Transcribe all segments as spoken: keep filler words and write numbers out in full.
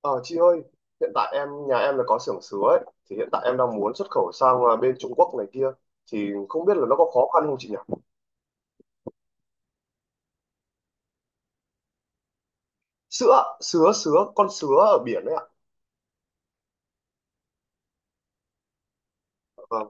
Ờ, chị ơi, hiện tại em nhà em là có xưởng sứa ấy, thì hiện tại em đang muốn xuất khẩu sang à, bên Trung Quốc này kia, thì không biết là nó có khó khăn không chị nhỉ? Sữa, sứa, sứa, con sứa ở biển ấy ạ. Ờ,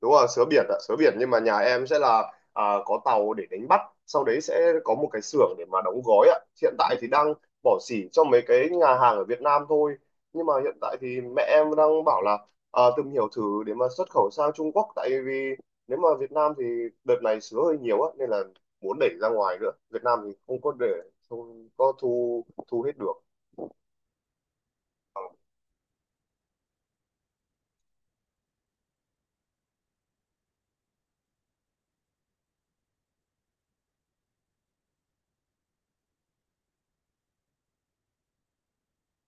Đúng rồi, sứa biển ạ, sứa biển, nhưng mà nhà em sẽ là à, có tàu để đánh bắt, sau đấy sẽ có một cái xưởng để mà đóng gói ạ. Hiện tại thì đang bỏ xỉ cho mấy cái nhà hàng ở Việt Nam thôi, nhưng mà hiện tại thì mẹ em đang bảo là à, tìm hiểu thử để mà xuất khẩu sang Trung Quốc, tại vì nếu mà Việt Nam thì đợt này sứa hơi nhiều á, nên là muốn đẩy ra ngoài nữa. Việt Nam thì không có để, không có thu thu hết được.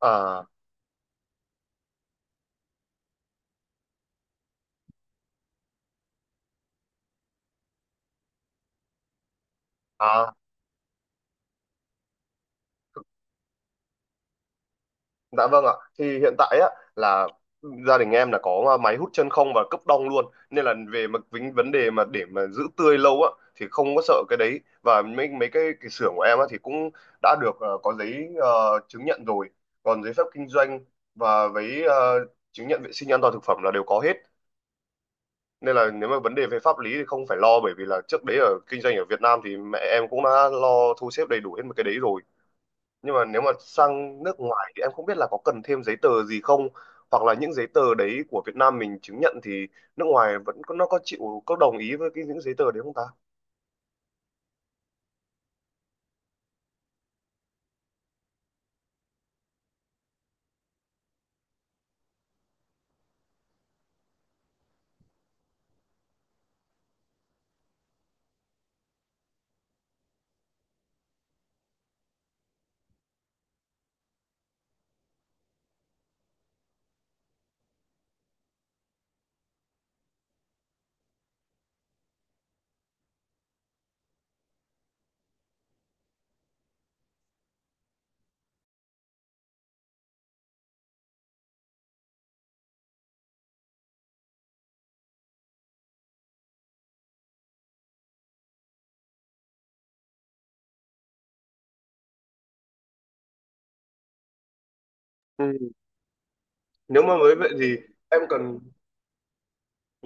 À, à. Dạ vâng ạ. Thì hiện tại á là gia đình em là có máy hút chân không và cấp đông luôn, nên là về mà vấn vấn đề mà để mà giữ tươi lâu á thì không có sợ cái đấy. Và mấy mấy cái, cái xưởng của em á thì cũng đã được, ờ, có giấy, ờ, chứng nhận rồi, còn giấy phép kinh doanh và với, ờ, chứng nhận vệ sinh an toàn thực phẩm là đều có hết. Nên là nếu mà vấn đề về pháp lý thì không phải lo, bởi vì là trước đấy ở kinh doanh ở Việt Nam thì mẹ em cũng đã lo thu xếp đầy đủ hết một cái đấy rồi. Nhưng mà nếu mà sang nước ngoài thì em không biết là có cần thêm giấy tờ gì không, hoặc là những giấy tờ đấy của Việt Nam mình chứng nhận thì nước ngoài vẫn có, nó có chịu, có đồng ý với cái những giấy tờ đấy không ta. Ừ. Nếu mà mới vậy thì em cần.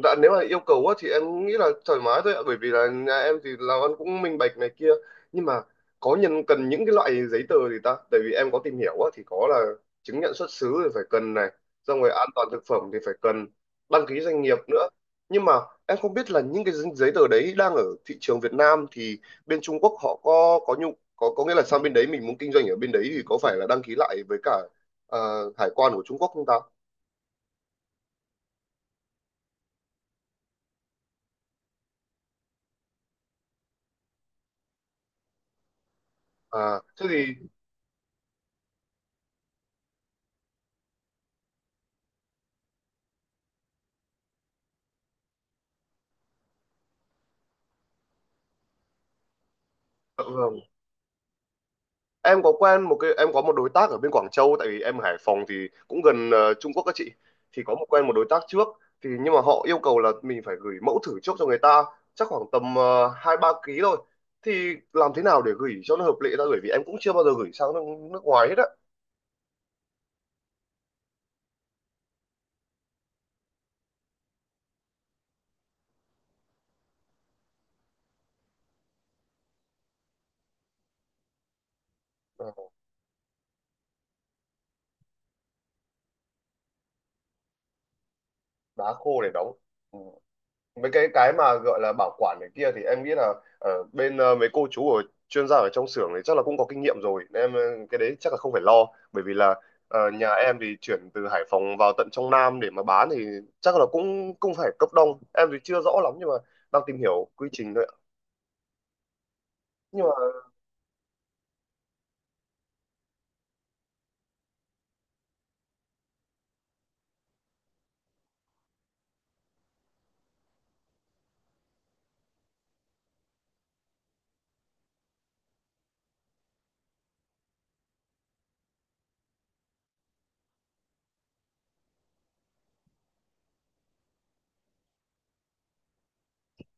Dạ, nếu mà yêu cầu á, thì em nghĩ là thoải mái thôi ạ, bởi vì là nhà em thì làm ăn cũng minh bạch này kia. Nhưng mà có nhân cần những cái loại giấy tờ gì ta, tại vì em có tìm hiểu á, thì có là chứng nhận xuất xứ thì phải cần này, xong rồi an toàn thực phẩm thì phải cần đăng ký doanh nghiệp nữa. Nhưng mà em không biết là những cái giấy tờ đấy đang ở thị trường Việt Nam thì bên Trung Quốc họ có có nhu có có nghĩa là sang bên đấy mình muốn kinh doanh ở bên đấy thì có phải là đăng ký lại với cả, ờ, hải quan của Trung Quốc không ta. À, thế thì. Dạ vâng, em có quen một cái, em có một đối tác ở bên Quảng Châu, tại vì em ở Hải Phòng thì cũng gần, ờ, Trung Quốc các chị, thì có một quen một đối tác trước. Thì nhưng mà họ yêu cầu là mình phải gửi mẫu thử trước cho người ta, chắc khoảng tầm ờ, hai ba ký thôi. Thì làm thế nào để gửi cho nó hợp lệ ta, gửi vì em cũng chưa bao giờ gửi sang nước, nước ngoài hết á. Ờ, đá khô để đóng. Ừ. Mấy cái cái mà gọi là bảo quản này kia thì em nghĩ là ở bên, ờ, mấy cô chú ở chuyên gia ở trong xưởng thì chắc là cũng có kinh nghiệm rồi, nên em, ờ, cái đấy chắc là không phải lo, bởi vì là, ờ, nhà em thì chuyển từ Hải Phòng vào tận trong Nam để mà bán thì chắc là cũng cũng phải cấp đông. Em thì chưa rõ lắm, nhưng mà đang tìm hiểu quy trình thôi ạ. Nhưng mà.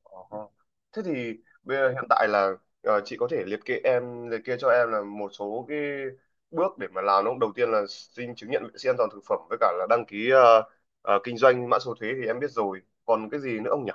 Ồ. Thế thì bây giờ hiện tại là, ờ, chị có thể liệt kê, em liệt kê cho em là một số cái bước để mà làm, đúng không? Đầu tiên là xin chứng nhận vệ sinh an toàn thực phẩm với cả là đăng ký, ờ, ờ, kinh doanh mã số thuế thì em biết rồi. Còn cái gì nữa không nhỉ?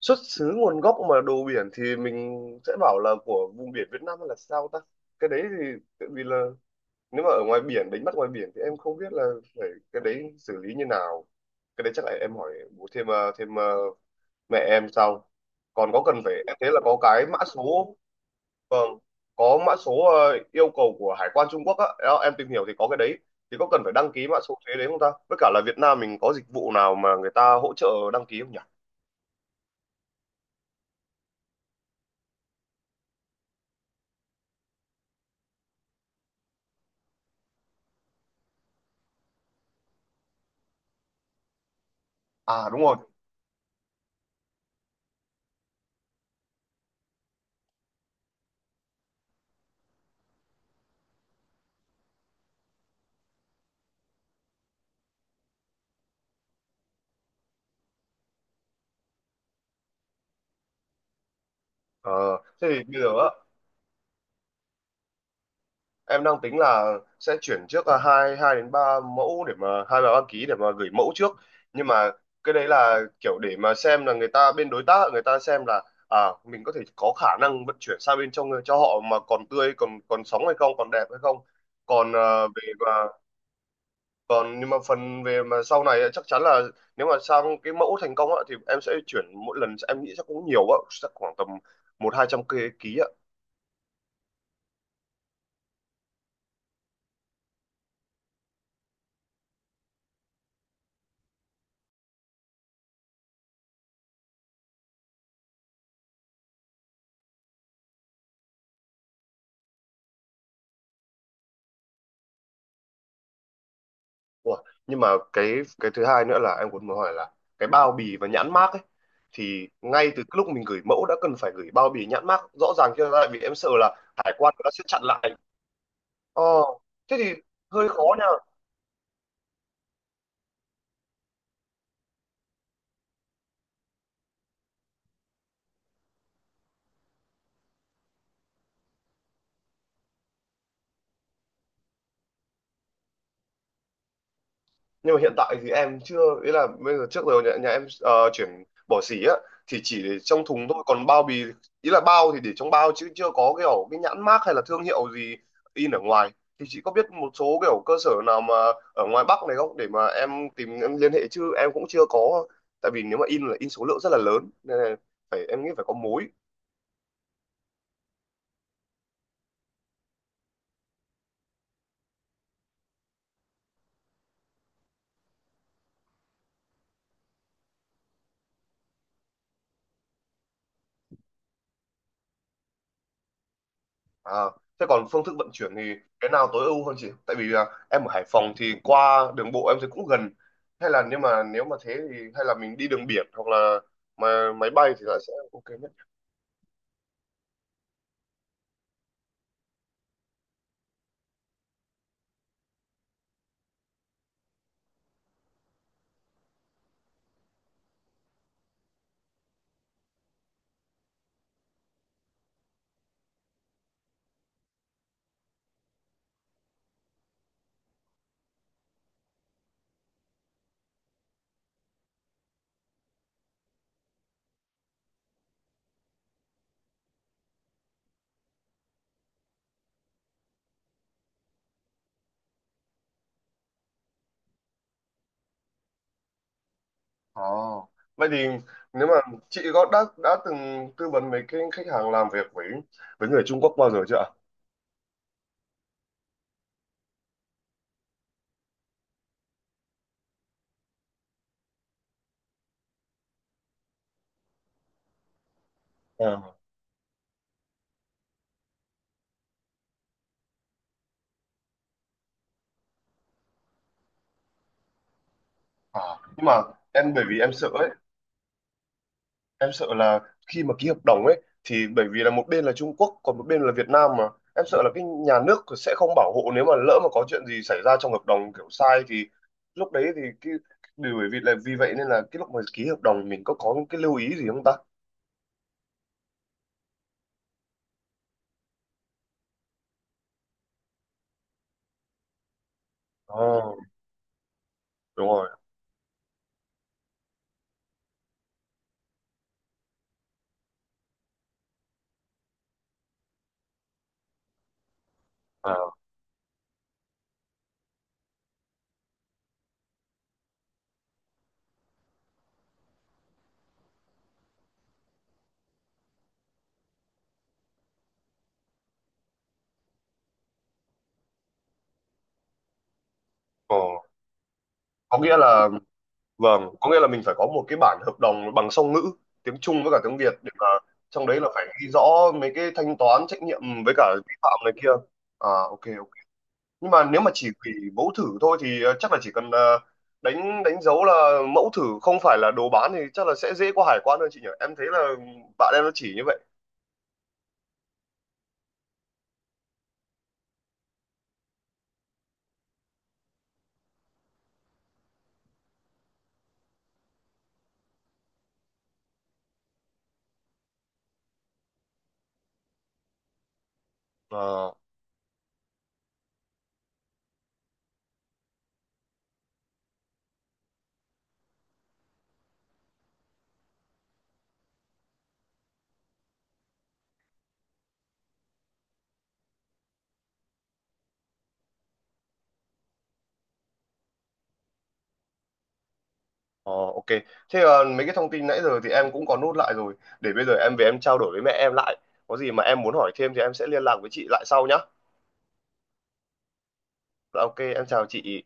Xuất xứ nguồn gốc mà đồ biển thì mình sẽ bảo là của vùng biển Việt Nam hay là sao ta? Cái đấy thì tại vì là nếu mà ở ngoài biển, đánh bắt ngoài biển thì em không biết là phải cái đấy xử lý như nào. Cái đấy chắc là em hỏi bố thêm, ờ, thêm ờ, mẹ em xong, còn có cần phải, em thấy là có cái mã số. Vâng, có mã số, ờ, yêu cầu của hải quan Trung Quốc á. Đó, em tìm hiểu thì có cái đấy, thì có cần phải đăng ký mã số thuế đấy không ta, với cả là Việt Nam mình có dịch vụ nào mà người ta hỗ trợ đăng ký không nhỉ. À, đúng rồi. ờ Thế thì bây giờ á em đang tính là sẽ chuyển trước là hai hai đến ba mẫu để mà hai ba đăng ký, để mà gửi mẫu trước. Nhưng mà cái đấy là kiểu để mà xem là người ta, bên đối tác người ta xem là à mình có thể có khả năng vận chuyển sang bên trong cho họ mà còn tươi, còn còn sống hay không, còn đẹp hay không. Còn, ờ, về mà, còn nhưng mà phần về mà sau này ấy, chắc chắn là nếu mà sang cái mẫu thành công á, thì em sẽ chuyển mỗi lần, em nghĩ chắc cũng nhiều á, chắc khoảng tầm một hai trăm ký. Ủa, nhưng mà cái cái thứ hai nữa là em cũng muốn hỏi là cái bao bì và nhãn mác ấy, thì ngay từ cái lúc mình gửi mẫu đã cần phải gửi bao bì nhãn mác rõ ràng chưa, tại vì em sợ là hải quan nó sẽ chặn lại. Ờ, thế thì hơi khó nha. Nhưng mà hiện tại thì em chưa, ý là bây giờ trước giờ nhà, nhà em, ờ, chuyển bỏ xỉ á thì chỉ để trong thùng thôi, còn bao bì, ý là bao thì để trong bao, chứ chưa có kiểu cái nhãn mác hay là thương hiệu gì in ở ngoài. Thì chị có biết một số kiểu cơ sở nào mà ở ngoài Bắc này không, để mà em tìm, em liên hệ, chứ em cũng chưa có. Tại vì nếu mà in là in số lượng rất là lớn nên là phải, em nghĩ phải có mối. À, thế còn phương thức vận chuyển thì cái nào tối ưu hơn chị? Tại vì, à, em ở Hải Phòng thì qua đường bộ em thấy cũng gần. Hay là, nếu mà nếu mà thế thì hay là mình đi đường biển, hoặc là mà máy bay thì là sẽ ok nhất. Ồ. Vậy thì, nếu mà chị có đã đã từng tư vấn mấy cái khách hàng làm việc với, với người Trung Quốc bao giờ chưa ạ? Ờ. À, nhưng mà em, bởi vì em sợ ấy, em sợ là khi mà ký hợp đồng ấy thì bởi vì là một bên là Trung Quốc còn một bên là Việt Nam mà em sợ là cái nhà nước sẽ không bảo hộ, nếu mà lỡ mà có chuyện gì xảy ra trong hợp đồng kiểu sai thì lúc đấy thì cái điều, bởi vì là vì vậy nên là cái lúc mà ký hợp đồng mình có có những cái lưu ý gì không ta? Ồ, đúng rồi. À, ờ. Có nghĩa là, vâng, có nghĩa là mình phải có một cái bản hợp đồng bằng song ngữ tiếng Trung với cả tiếng Việt, để mà trong đấy là phải ghi rõ mấy cái thanh toán, trách nhiệm với cả vi phạm này kia. À, ok ok. Nhưng mà nếu mà chỉ hủy mẫu thử thôi thì, ờ, chắc là chỉ cần, ờ, đánh đánh dấu là mẫu thử không phải là đồ bán thì chắc là sẽ dễ qua hải quan hơn chị nhỉ. Em thấy là bạn em nó chỉ như vậy. Ờ, ờ, ok. Thế, ờ, mấy cái thông tin nãy giờ thì em cũng có nốt lại rồi, để bây giờ em về em trao đổi với mẹ em lại, có gì mà em muốn hỏi thêm thì em sẽ liên lạc với chị lại sau nhá. Dạ, ok em chào chị.